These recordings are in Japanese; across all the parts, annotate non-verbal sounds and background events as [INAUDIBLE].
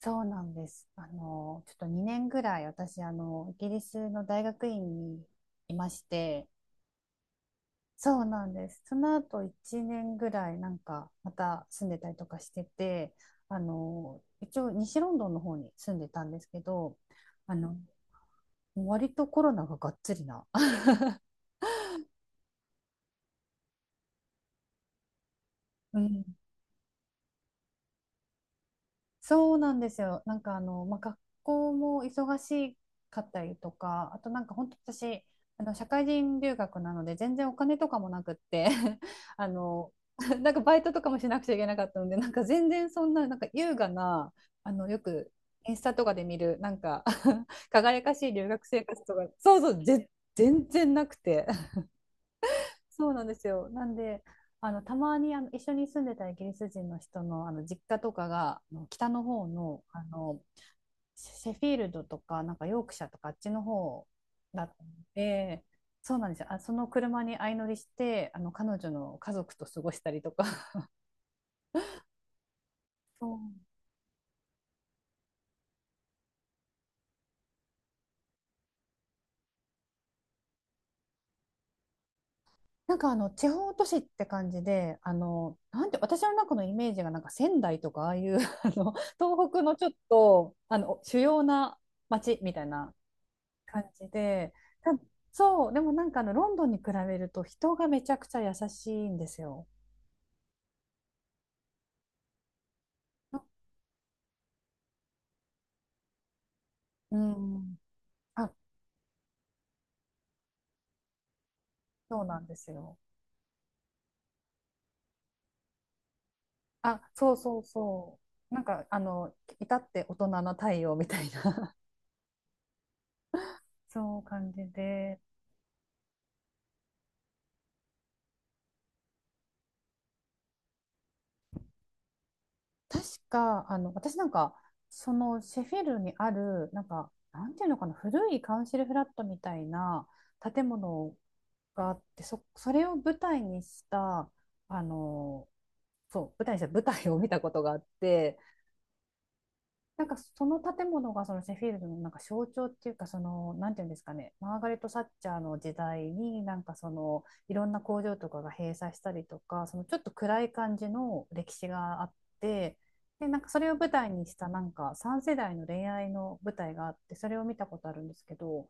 そうなんです。ちょっと2年ぐらい私、イギリスの大学院にいまして、そうなんです。その後1年ぐらい、また住んでたりとかしてて、一応西ロンドンの方に住んでたんですけど、あの、割とコロナががっつりな。[LAUGHS] うん、そうなんですよ。まあ、学校も忙しかったりとか、あと本当私、社会人留学なので全然お金とかもなくって [LAUGHS] あの、[LAUGHS] バイトとかもしなくちゃいけなかったので、全然そんな、優雅な、よくインスタとかで見る、[LAUGHS] 輝かしい留学生活とか、そうそう、全然なくて。そうなんですよ。なんで、たまに一緒に住んでたイギリス人の人の、実家とかが北の方の、シェフィールドとか、ヨークシャとかあっちの方だったので、そうなんですよ。あ、その車に相乗りして、彼女の家族と過ごしたりとか。そう、地方都市って感じで、あのなんて私の中のイメージが仙台とかああいう [LAUGHS] 東北のちょっと主要な町みたいな感じで、たそう、でもロンドンに比べると人がめちゃくちゃ優しいんですよ。うん。あ、そうなんですよ。あ、そうそうそう。至って大人な対応みたいな。 [LAUGHS] そう感じで、確か、私そのシェフィルにある、なんていうのかな、古いカウンシルフラットみたいな建物があって、それを舞台にした、あの、そう、舞台にした舞台を見たことがあって、その建物がそのシェフィールドの象徴っていうか、そのなんていうんですかね、マーガレット・サッチャーの時代にそのいろんな工場とかが閉鎖したりとか、そのちょっと暗い感じの歴史があって。で、それを舞台にした3世代の恋愛の舞台があって、それを見たことあるんですけど、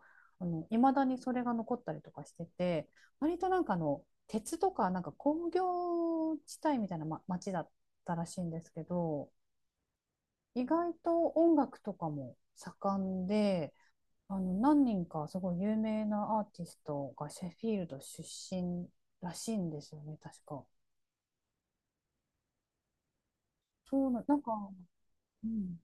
いまだにそれが残ったりとかしてて、割と鉄とか工業地帯みたいな、ま、町だったらしいんですけど。意外と音楽とかも盛んで、何人かすごい有名なアーティストがシェフィールド出身らしいんですよね、確か。そうな、うん、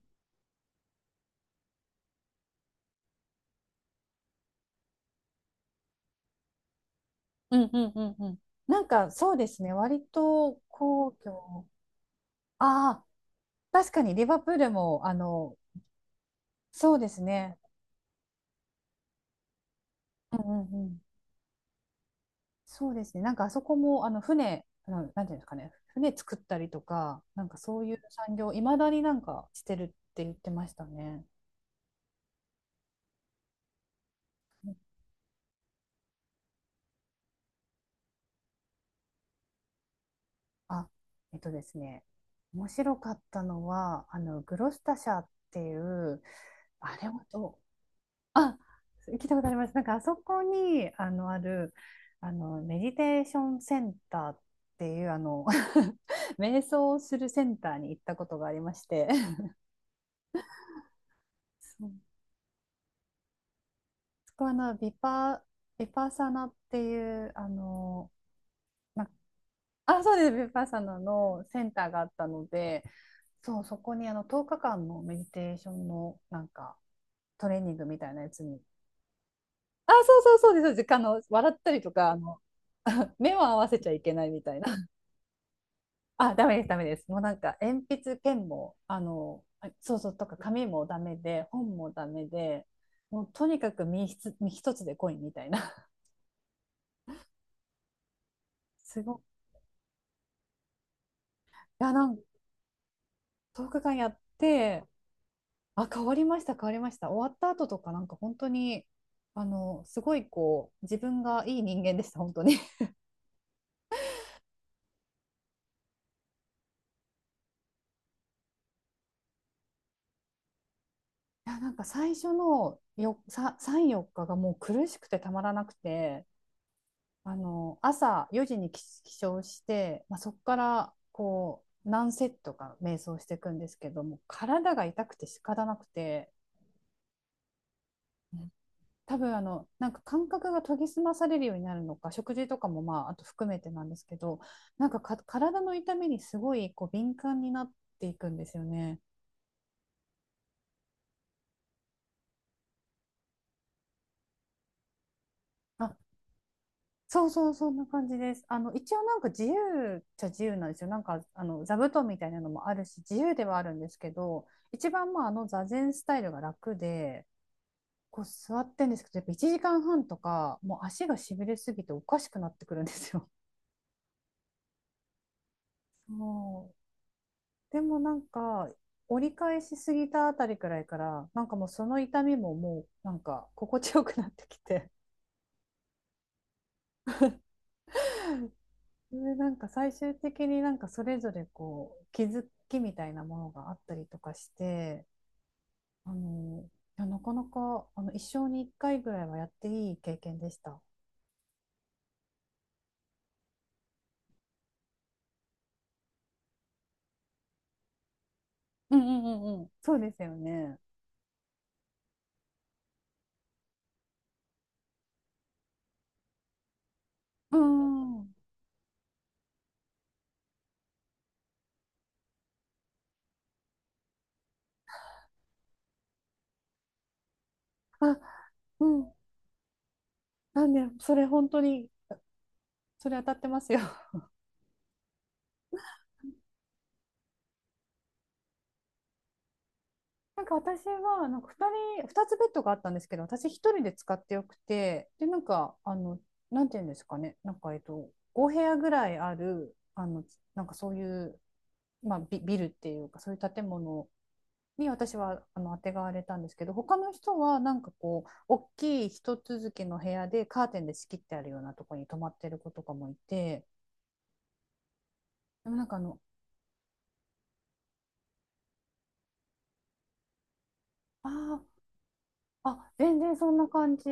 うんうんうんうん。そうですね、割と皇居、ああ、確かにリバプールも、そうですね、うんうんうん、そうですね、あそこも、船、あのなんていうんですかね、船作ったりとか、そういう産業、いまだにしてるって言ってましたね。あ、えっとですね、面白かったのは、グロスタ社っていう、あれはどう、あ、聞いたことあります。あそこに、あの、ある、あの、メディテーションセンターっていう、[LAUGHS] 瞑想をするセンターに行ったことがありまして、そう。 [LAUGHS] そこはビパサナっていう、なんかそうです。ヴィパッサナのセンターがあったので、そう、そこに10日間のメディテーションのトレーニングみたいなやつに。あ、そうそうそうです。そうです、笑ったりとか、[LAUGHS] 目を合わせちゃいけないみたいな。[LAUGHS] あ、ダメです、ダメです。もう鉛筆、ペンも、とか紙もダメで、本もダメで、もうとにかく身一つ身一つでコインみたいな。[LAUGHS] すごい。いや、10日間やって、あ、変わりました、変わりました。終わった後とか、本当に、すごいこう、自分がいい人間でした、本当に。[LAUGHS] いや、なんか最初の3、4日がもう苦しくてたまらなくて、朝4時に起床して、まあ、そこから、こう、何セットか瞑想していくんですけども、体が痛くて仕方なくて、う多分感覚が研ぎ澄まされるようになるのか、食事とかもまああと含めてなんですけど、なんか体の痛みにすごいこう敏感になっていくんですよね。あ、そうそう、そんな感じです。一応自由っちゃ自由なんですよ。座布団みたいなのもあるし自由ではあるんですけど、一番まあ座禅スタイルが楽でこう座ってんですけど、やっぱ1時間半とかもう足がしびれすぎておかしくなってくるんですよ。[LAUGHS] もでもなんか、折り返しすぎたあたりくらいから、もうその痛みも、もう心地よくなってきて、[LAUGHS] で、最終的にそれぞれこう気づきみたいなものがあったりとかして、いや、なかなか一生に一回ぐらいはやっていい経験でした。うんうんうんうん。そうですよね。うんうんうん。あ、うん。なんで、それ本当に、それ当たってますよ。私は2人、2つベッドがあったんですけど、私一人で使ってよくて、で、なんていうんですかね、えっと、5部屋ぐらいある、あの、なんかそういう、まあ、ビルっていうか、そういう建物に私は当てがわれたんですけど、他の人は、大きい一続きの部屋でカーテンで仕切ってあるようなところに泊まってる子とかもいて、でもあ、全然そんな感じ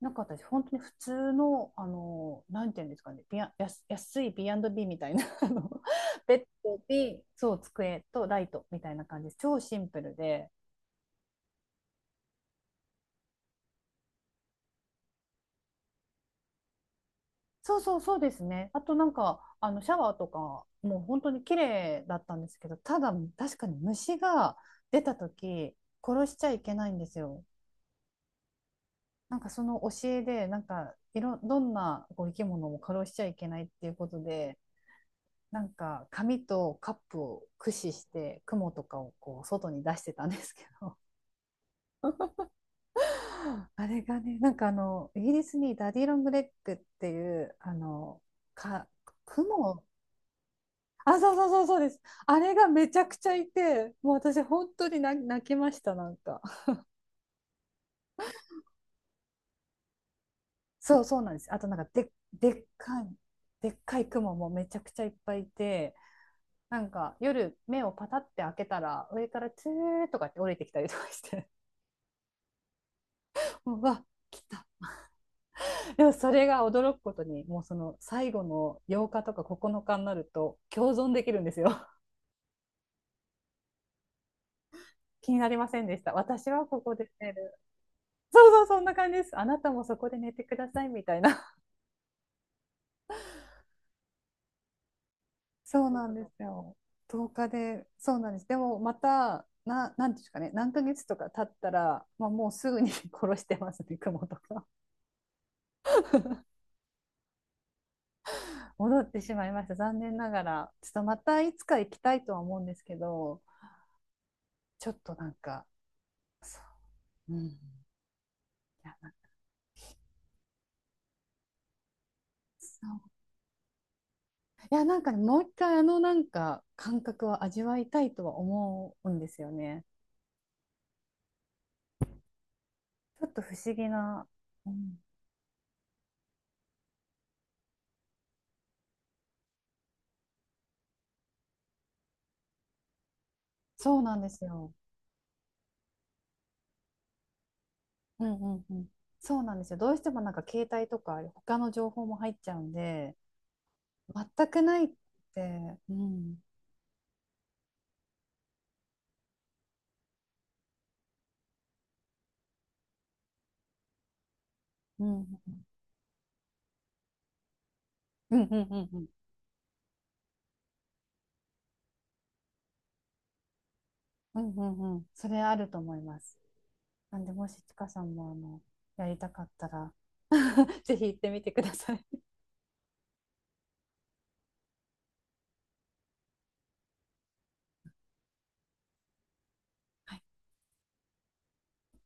なかったです。本当に普通の、なんていうんですかね、ビア、安、安い B&B みたいな、[LAUGHS] ベッドに、そう、机とライトみたいな感じです。超シンプルで。そうそう、そうですね。あとシャワーとか、もう本当に綺麗だったんですけど、ただ、確かに虫が出た時、殺しちゃいけないんですよ。その教えで、どんなこう生き物も殺しちゃいけないっていうことで、紙とカップを駆使して雲とかをこう外に出してたんですけど、 [LAUGHS] あれがね、イギリスにダディ・ロングレッグっていう、あのか雲、あ、そうそうそうそうです。あれがめちゃくちゃいて、もう私本当に泣きました。そうそうなんです。あとでっかいでっかい雲もめちゃくちゃいっぱいいて、夜目をパタって開けたら上からツーとかって降りてきたりとかして、[LAUGHS] うわ、来た。でもそれが驚くことに、もうその最後の8日とか9日になると共存できるんですよ。 [LAUGHS] 気になりませんでした。私はここで寝る、そうそう、そんな感じです。あなたもそこで寝てくださいみたいな。 [LAUGHS] そうなんですよ。10日でそうなんです。でもまたなんですかね、何ヶ月とか経ったら、まあ、もうすぐに [LAUGHS] 殺してますね、雲とか。 [LAUGHS] 戻ってしまいました、残念ながら。ちょっとまたいつか行きたいとは思うんですけど、ちょっとなんかそう、うん、いやそういや、もう一回感覚を味わいたいとは思うんですよね。ちょっと不思議な。うん、そうなんですよ。うんうんうん。そうなんですよ。どうしても携帯とか他の情報も入っちゃうんで、全くないって、うん、うん、うん、うん、うん、うん、うん、うんうん、それあると思います。なんで、もしちかさんもやりたかったら [LAUGHS] ぜひ行ってみてください。はい